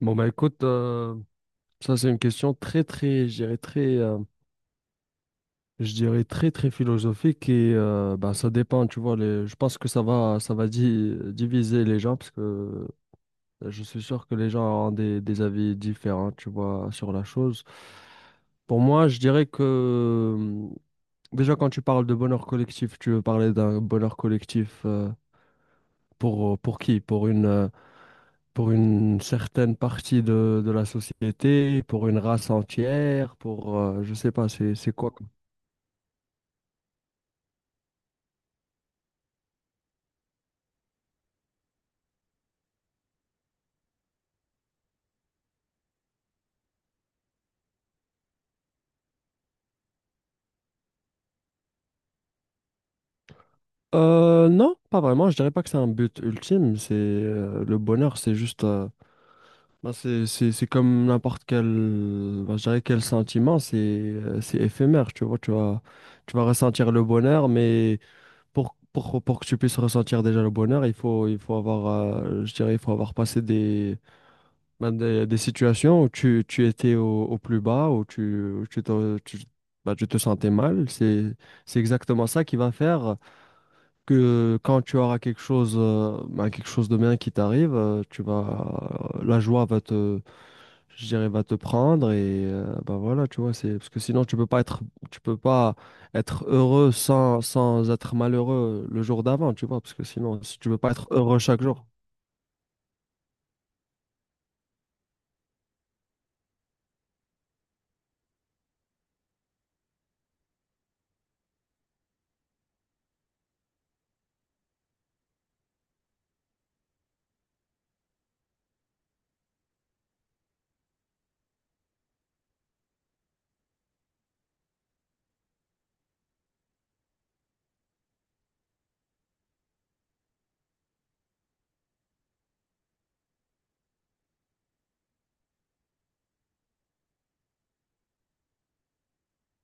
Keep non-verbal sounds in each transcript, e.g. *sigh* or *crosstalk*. Bon bah écoute, ça c'est une question très très, je dirais très, je dirais très très philosophique et bah ça dépend, tu vois. Les, je pense que diviser les gens parce que je suis sûr que les gens ont des avis différents, tu vois, sur la chose. Pour moi, je dirais que déjà quand tu parles de bonheur collectif, tu veux parler d'un bonheur collectif pour qui? Pour une certaine partie de la société, pour une race entière, pour je sais pas, c'est quoi quoi. Non, pas vraiment. Je dirais pas que c'est un but ultime. C'est le bonheur, c'est juste, bah, c'est comme n'importe quel, bah, je dirais quel sentiment. C'est éphémère. Tu vois, tu vas ressentir le bonheur, mais pour que tu puisses ressentir déjà le bonheur, il faut avoir, je dirais il faut avoir passé des situations où tu étais au, au plus bas, où ben, tu te sentais mal, c'est exactement ça qui va faire que quand tu auras quelque chose, ben, quelque chose de bien qui t'arrive, la joie va te, je dirais, va te prendre et ben voilà, tu vois, c'est, parce que sinon tu peux pas être, tu peux pas être heureux sans, sans être malheureux le jour d'avant, tu vois, parce que sinon, si tu veux pas être heureux chaque jour.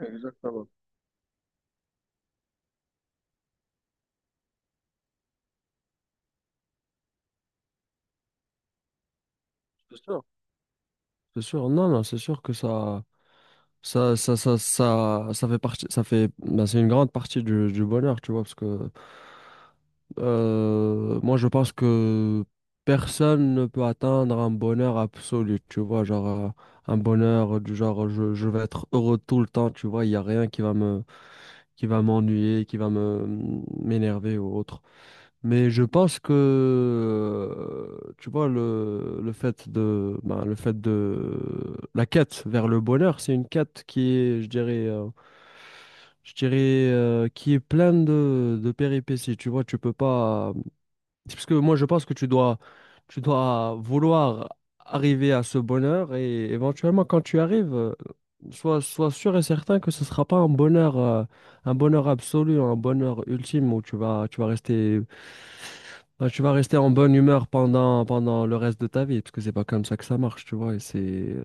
Exactement. C'est sûr, non, non, c'est sûr que ça fait partie, ça fait, ben, c'est une grande partie du bonheur, tu vois, parce que moi, je pense que personne ne peut atteindre un bonheur absolu, tu vois, genre un bonheur du genre je vais être heureux tout le temps, tu vois, il n'y a rien qui va me, qui va m'ennuyer, qui va me m'énerver ou autre. Mais je pense que, tu vois, le fait le fait de, la quête vers le bonheur, c'est une quête qui est, je dirais, je dirais, qui est pleine de péripéties. Tu vois, tu peux pas, c'est Parce que moi, je pense que tu dois vouloir arriver à ce bonheur et éventuellement, quand tu arrives, sois sûr et certain que ce ne sera pas un bonheur, un bonheur absolu, un bonheur ultime où tu vas rester, bah, tu vas rester en bonne humeur pendant, pendant le reste de ta vie, parce que c'est pas comme ça que ça marche, tu vois. Et c'est...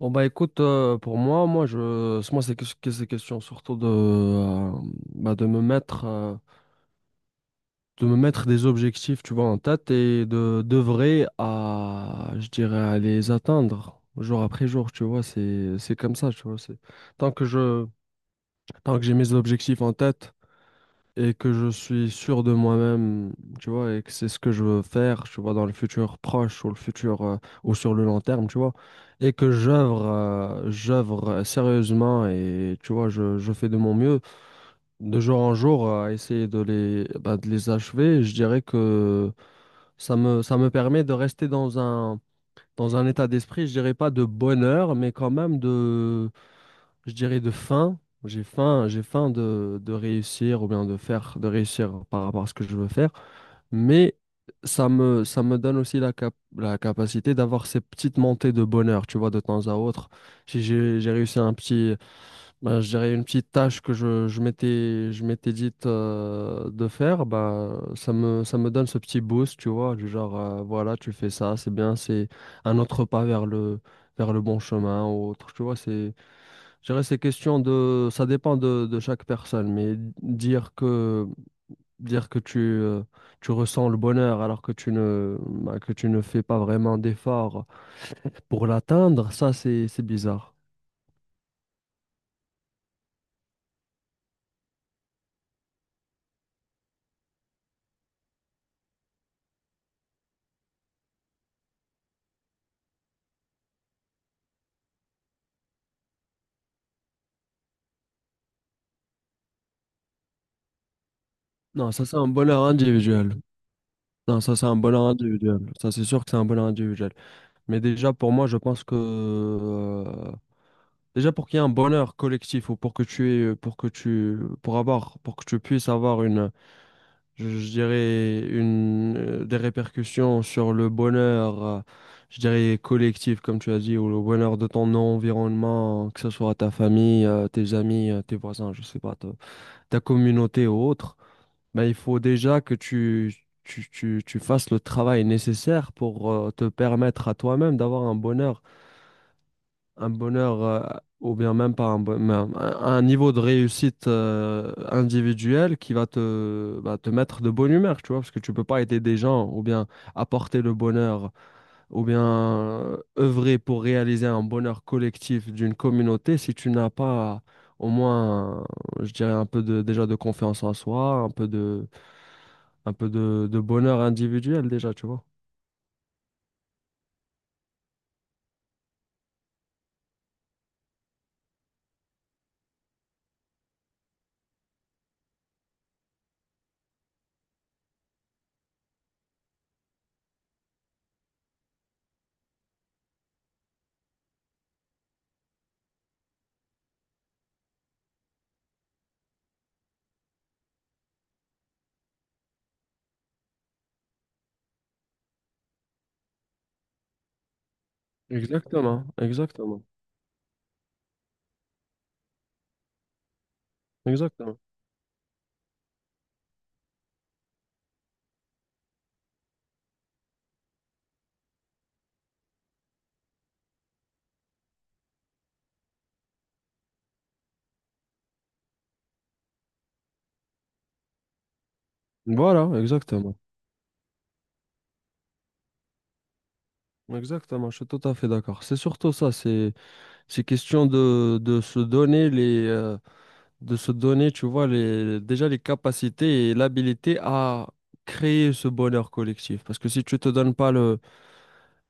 Bon, bah écoute, pour moi, moi, c'est que ces questions surtout de, bah, de me mettre. De me mettre des objectifs, tu vois, en tête et de d'œuvrer à, je dirais, à les atteindre jour après jour, tu vois, c'est comme ça, tu vois, c'est tant que je tant que j'ai mes objectifs en tête et que je suis sûr de moi-même, tu vois, et que c'est ce que je veux faire, tu vois, dans le futur proche ou le futur ou sur le long terme, tu vois, et que j'œuvre sérieusement et tu vois, je fais de mon mieux de jour en jour à essayer de les de les achever, je dirais que ça me permet de rester dans un état d'esprit, je dirais pas de bonheur, mais quand même de, je dirais de faim. J'ai faim, j'ai faim de réussir ou bien de faire, de réussir par rapport à ce que je veux faire. Mais ça me donne aussi la capacité d'avoir ces petites montées de bonheur, tu vois, de temps à autre. Si j'ai réussi un petit, bah, je dirais une petite tâche que je m'étais dite de faire, bah, ça me donne ce petit boost, tu vois, du genre, voilà, tu fais ça, c'est bien, c'est un autre pas vers le, vers le bon chemin ou autre, tu vois, c'est, je dirais, c'est question de, ça dépend de chaque personne, mais dire que, dire que tu, tu ressens le bonheur alors que tu ne, bah, que tu ne fais pas vraiment d'efforts pour l'atteindre, ça, c'est bizarre. Non, ça, c'est un bonheur individuel. Non, ça c'est un ballon individuel. Ça c'est sûr que c'est un ballon individuel. Mais déjà pour moi, je pense que déjà pour qu'il y ait un bonheur collectif ou pour que tu aies, pour que tu puisses avoir je dirais une des répercussions sur le bonheur je dirais collectif comme tu as dit ou le bonheur de ton environnement, que ce soit ta famille, tes amis, tes voisins, je sais pas, ta communauté ou autre. Ben, il faut déjà que tu fasses le travail nécessaire pour te permettre à toi-même d'avoir un bonheur, ou bien même pas mais un niveau de réussite individuel qui va te, bah, te mettre de bonne humeur, tu vois, parce que tu peux pas aider des gens, ou bien apporter le bonheur, ou bien œuvrer pour réaliser un bonheur collectif d'une communauté si tu n'as pas au moins, je dirais, un peu de, déjà de confiance en soi, un peu de bonheur individuel déjà, tu vois. Exactement, exactement, exactement. Voilà, exactement. Exactement, je suis tout à fait d'accord. C'est surtout ça, c'est question de se donner les de se donner, tu vois, les déjà les capacités et l'habilité à créer ce bonheur collectif. Parce que si tu te donnes pas le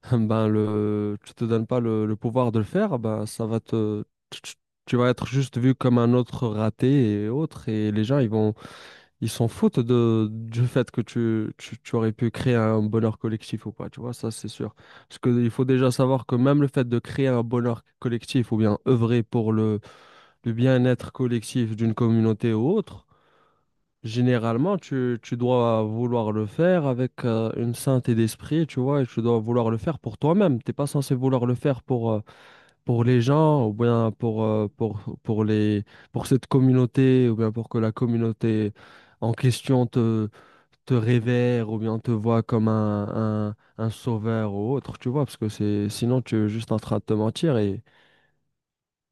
*laughs* ben le tu te donnes pas le, le pouvoir de le faire, ben ça va tu, tu- tu vas être juste vu comme un autre raté et autre et les gens ils s'en foutent de, du fait que tu aurais pu créer un bonheur collectif ou pas, tu vois, ça c'est sûr. Parce qu'il faut déjà savoir que même le fait de créer un bonheur collectif ou bien œuvrer pour le bien-être collectif d'une communauté ou autre, généralement tu dois vouloir le faire avec une sainteté d'esprit, tu vois, et tu dois vouloir le faire pour toi-même. T'es pas censé vouloir le faire pour les gens ou bien pour, pour les, pour cette communauté ou bien pour que la communauté en question te révère ou bien te voit comme un sauveur ou autre, tu vois, parce que c'est sinon tu es juste en train de te mentir et,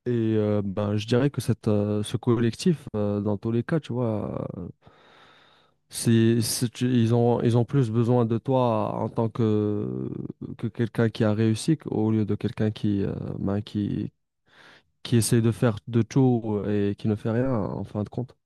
et ben, je dirais que cette, ce collectif, dans tous les cas, tu vois, ils ont plus besoin de toi en tant que quelqu'un qui a réussi au lieu de quelqu'un qui, ben, qui essaie de faire de tout et qui ne fait rien en fin de compte.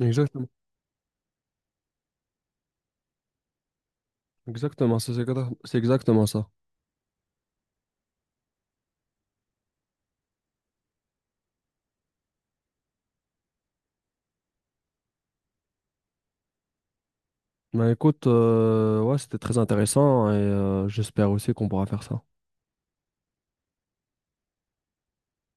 Exactement, exactement, c'est exactement ça. Ben écoute, ouais, c'était très intéressant et j'espère aussi qu'on pourra faire ça.